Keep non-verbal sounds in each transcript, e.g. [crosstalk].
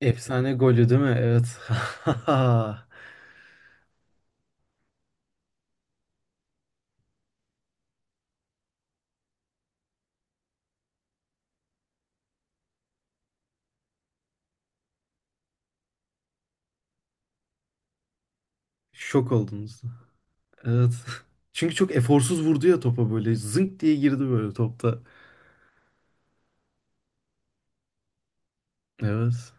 Efsane golü değil mi? Evet. [laughs] Şok oldunuz. Evet. Çünkü çok eforsuz vurdu ya topa böyle. Zınk diye girdi böyle topta. Evet.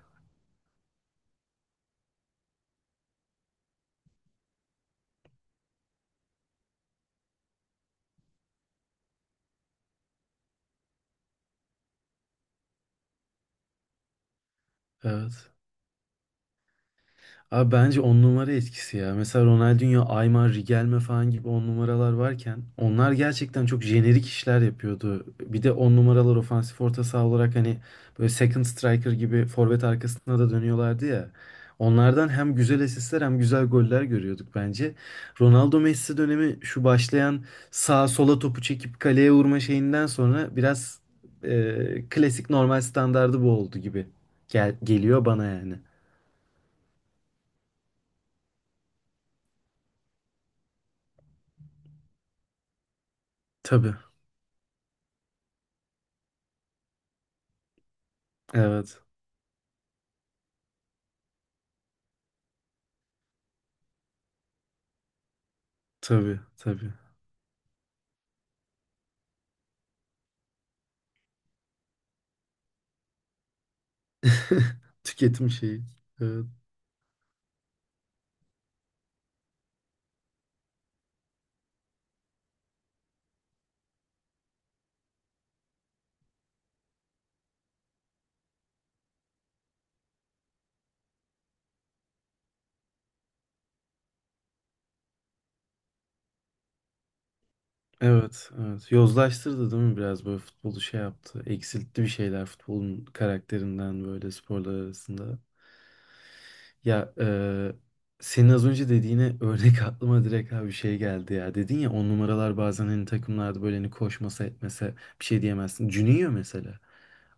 Evet. Abi bence on numara etkisi ya. Mesela Ronaldinho, Aymar, Rigelme falan gibi on numaralar varken onlar gerçekten çok jenerik işler yapıyordu. Bir de on numaralar ofansif orta saha olarak hani böyle second striker gibi forvet arkasına da dönüyorlardı ya. Onlardan hem güzel asistler hem güzel goller görüyorduk bence. Ronaldo Messi dönemi şu başlayan sağa sola topu çekip kaleye vurma şeyinden sonra biraz klasik normal standardı bu oldu gibi gel geliyor bana yani. Tabii. Evet. Tabii, tabii. [laughs] Tüketim şeyi. Evet, evet, evet. Yozlaştırdı değil mi biraz böyle futbolu şey yaptı. Eksiltti bir şeyler futbolun karakterinden böyle sporlar arasında. Ya senin az önce dediğine örnek [laughs] aklıma direkt abi bir şey geldi ya. Dedin ya on numaralar bazen hani takımlarda böyle hani koşmasa etmese bir şey diyemezsin. Juninho mesela.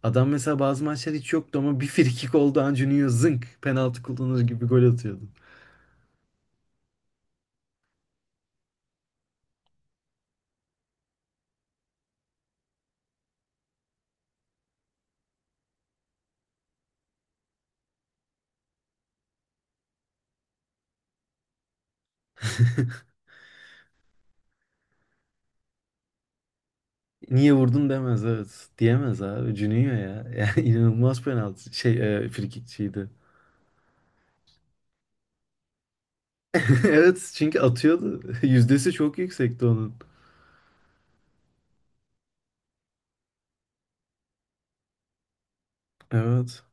Adam mesela bazı maçlar hiç yoktu ama bir frikik olduğu an Juninho zınk penaltı kullanır gibi gol atıyordu. Niye vurdun demez, evet. Diyemez abi. Cüneyt ya. Yani [laughs] inanılmaz penaltı. Şey frikikçiydi. [laughs] Evet çünkü atıyordu. [laughs] Yüzdesi çok yüksekti onun. Evet.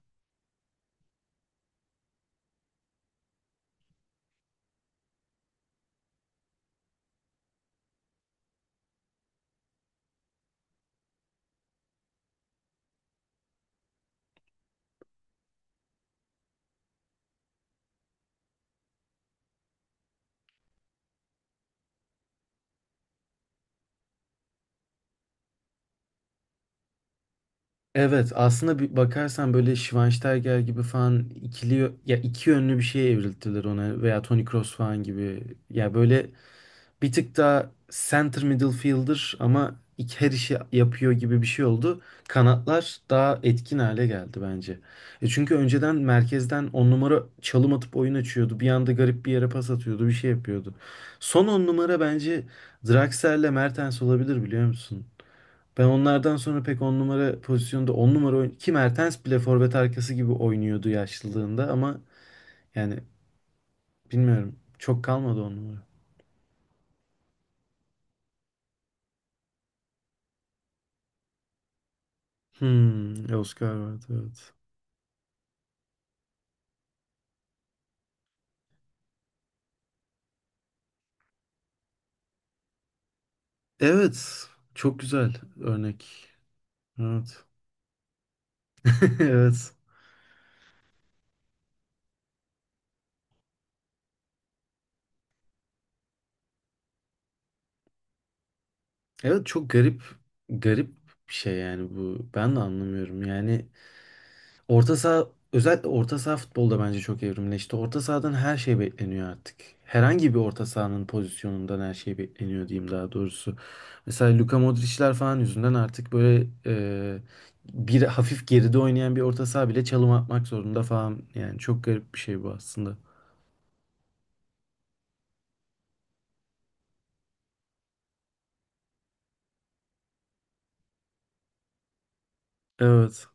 Evet aslında bir bakarsan böyle Schweinsteiger gibi falan ikili ya iki yönlü bir şeye evrildiler ona veya Toni Kroos falan gibi. Ya böyle bir tık daha center middle fielder ama her işi yapıyor gibi bir şey oldu. Kanatlar daha etkin hale geldi bence. E çünkü önceden merkezden on numara çalım atıp oyun açıyordu. Bir anda garip bir yere pas atıyordu, bir şey yapıyordu. Son on numara bence Draxler'le Mertens olabilir biliyor musun? Ben onlardan sonra pek on numara pozisyonda on numara oyn ki Mertens bile forvet arkası gibi oynuyordu yaşlılığında ama yani bilmiyorum çok kalmadı on numara. Hmm, Oscar vardı evet. Evet. Çok güzel örnek. Evet. [laughs] Evet. Evet çok garip, garip bir şey yani bu. Ben de anlamıyorum. Yani orta saha, özellikle orta saha futbolda bence çok evrimleşti. Orta sahadan her şey bekleniyor artık. Herhangi bir orta sahanın pozisyonundan her şey bekleniyor diyeyim daha doğrusu. Mesela Luka Modric'ler falan yüzünden artık böyle bir hafif geride oynayan bir orta saha bile çalım atmak zorunda falan. Yani çok garip bir şey bu aslında. Evet.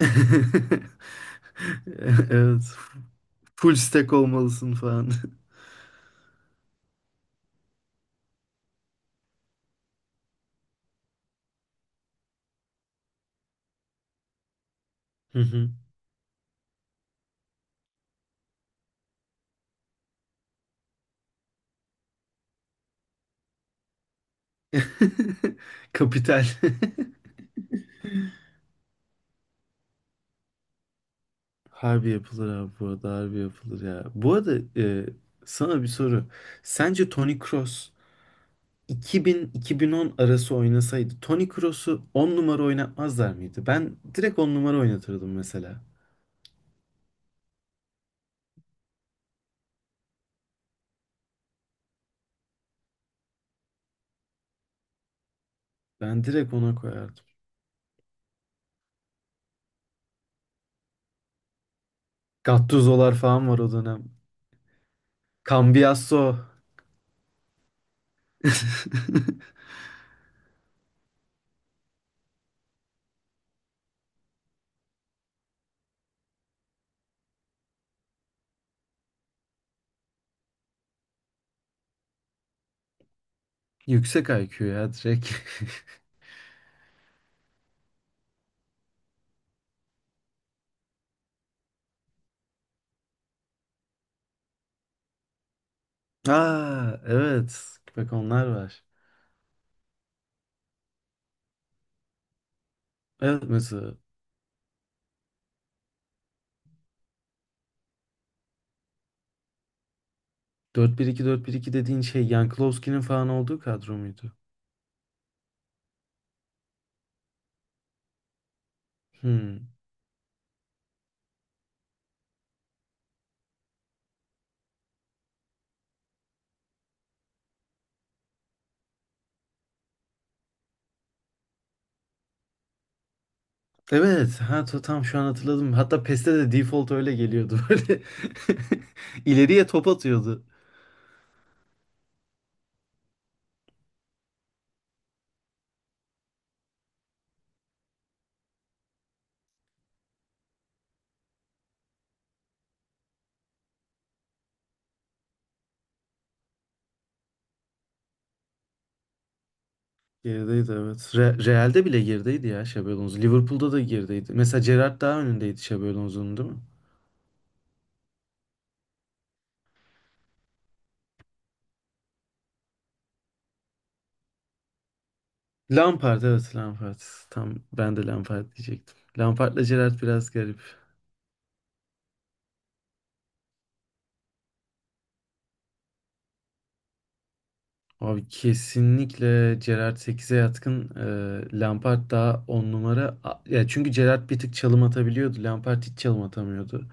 [laughs] Evet. Full stack olmalısın falan. Hı hı. [laughs] Kapital. [laughs] Harbi yapılır abi, bu arada harbi yapılır ya. Bu arada sana bir soru. Sence Toni Kroos 2000-2010 arası oynasaydı Toni Kroos'u 10 numara oynatmazlar mıydı? Ben direkt 10 numara oynatırdım mesela. Ben direkt ona koyardım. Gattuso'lar falan var o dönem. Cambiasso. [laughs] Yüksek IQ ya direkt. [laughs] Aa evet. Bak onlar var. Evet mesela dört bir iki dört bir iki dediğin şey Yanklowski'nin falan olduğu kadro muydu? Hmm. Evet. Ha tam şu an hatırladım. Hatta PES'te de default öyle geliyordu. [laughs] Böyle İleriye top atıyordu. Gerideydi, evet. Real'de bile gerideydi ya Xabi Alonso. Liverpool'da da gerideydi. Mesela Gerrard daha önündeydi Xabi Alonso'nun değil mi? Lampard, evet, Lampard. Tam ben de Lampard diyecektim. Lampard'la Gerrard biraz garip. Abi kesinlikle Gerrard 8'e yatkın. Lampard daha 10 numara. Ya çünkü Gerrard bir tık çalım atabiliyordu. Lampard hiç çalım atamıyordu.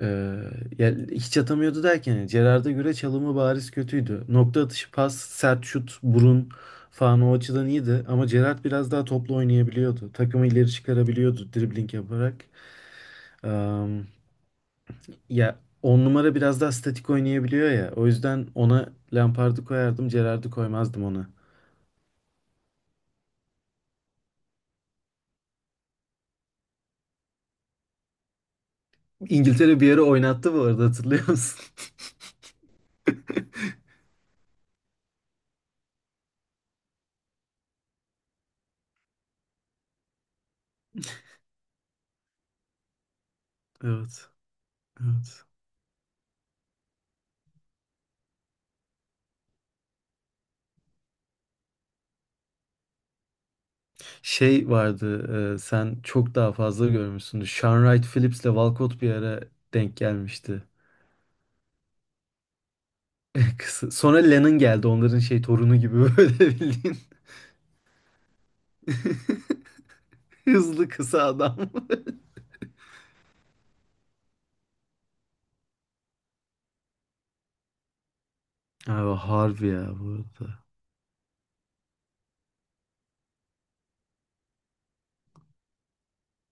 Ee, ya hiç atamıyordu derken yani Gerrard'a göre çalımı bariz kötüydü. Nokta atışı, pas, sert şut, burun falan, o açıdan iyiydi. Ama Gerrard biraz daha toplu oynayabiliyordu. Takımı ileri çıkarabiliyordu dribbling yaparak. Am, ya 10 numara biraz daha statik oynayabiliyor ya. O yüzden ona Lampard'ı koyardım, Gerrard'ı koymazdım. İngiltere bir yere oynattı bu arada, hatırlıyor musun? [laughs] Evet. Evet. Şey vardı, sen çok daha fazla görmüşsündür. Sean Wright Phillips'le Walcott bir ara denk gelmişti. [laughs] Kısa. Sonra Lennon geldi onların şey torunu gibi [laughs] böyle bildiğin. [laughs] Hızlı kısa adam. [laughs] Abi harbi ya bu arada.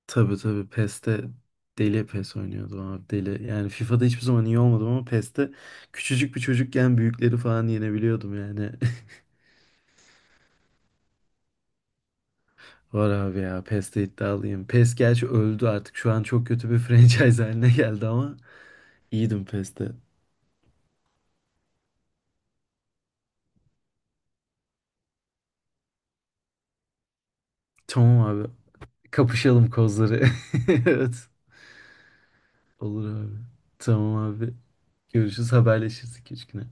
Tabii tabii PES'te, deli PES oynuyordum abi, deli. Yani FIFA'da hiçbir zaman iyi olmadım ama PES'te küçücük bir çocukken büyükleri falan yenebiliyordum yani. Var abi ya, PES'te iddialıyım. PES gerçi öldü artık. Şu an çok kötü bir [laughs] franchise haline geldi ama iyiydim PES'te. Tamam abi. Kapışalım kozları. [laughs] Evet. Olur abi. Tamam abi. Görüşürüz. Haberleşiriz iki üç güne.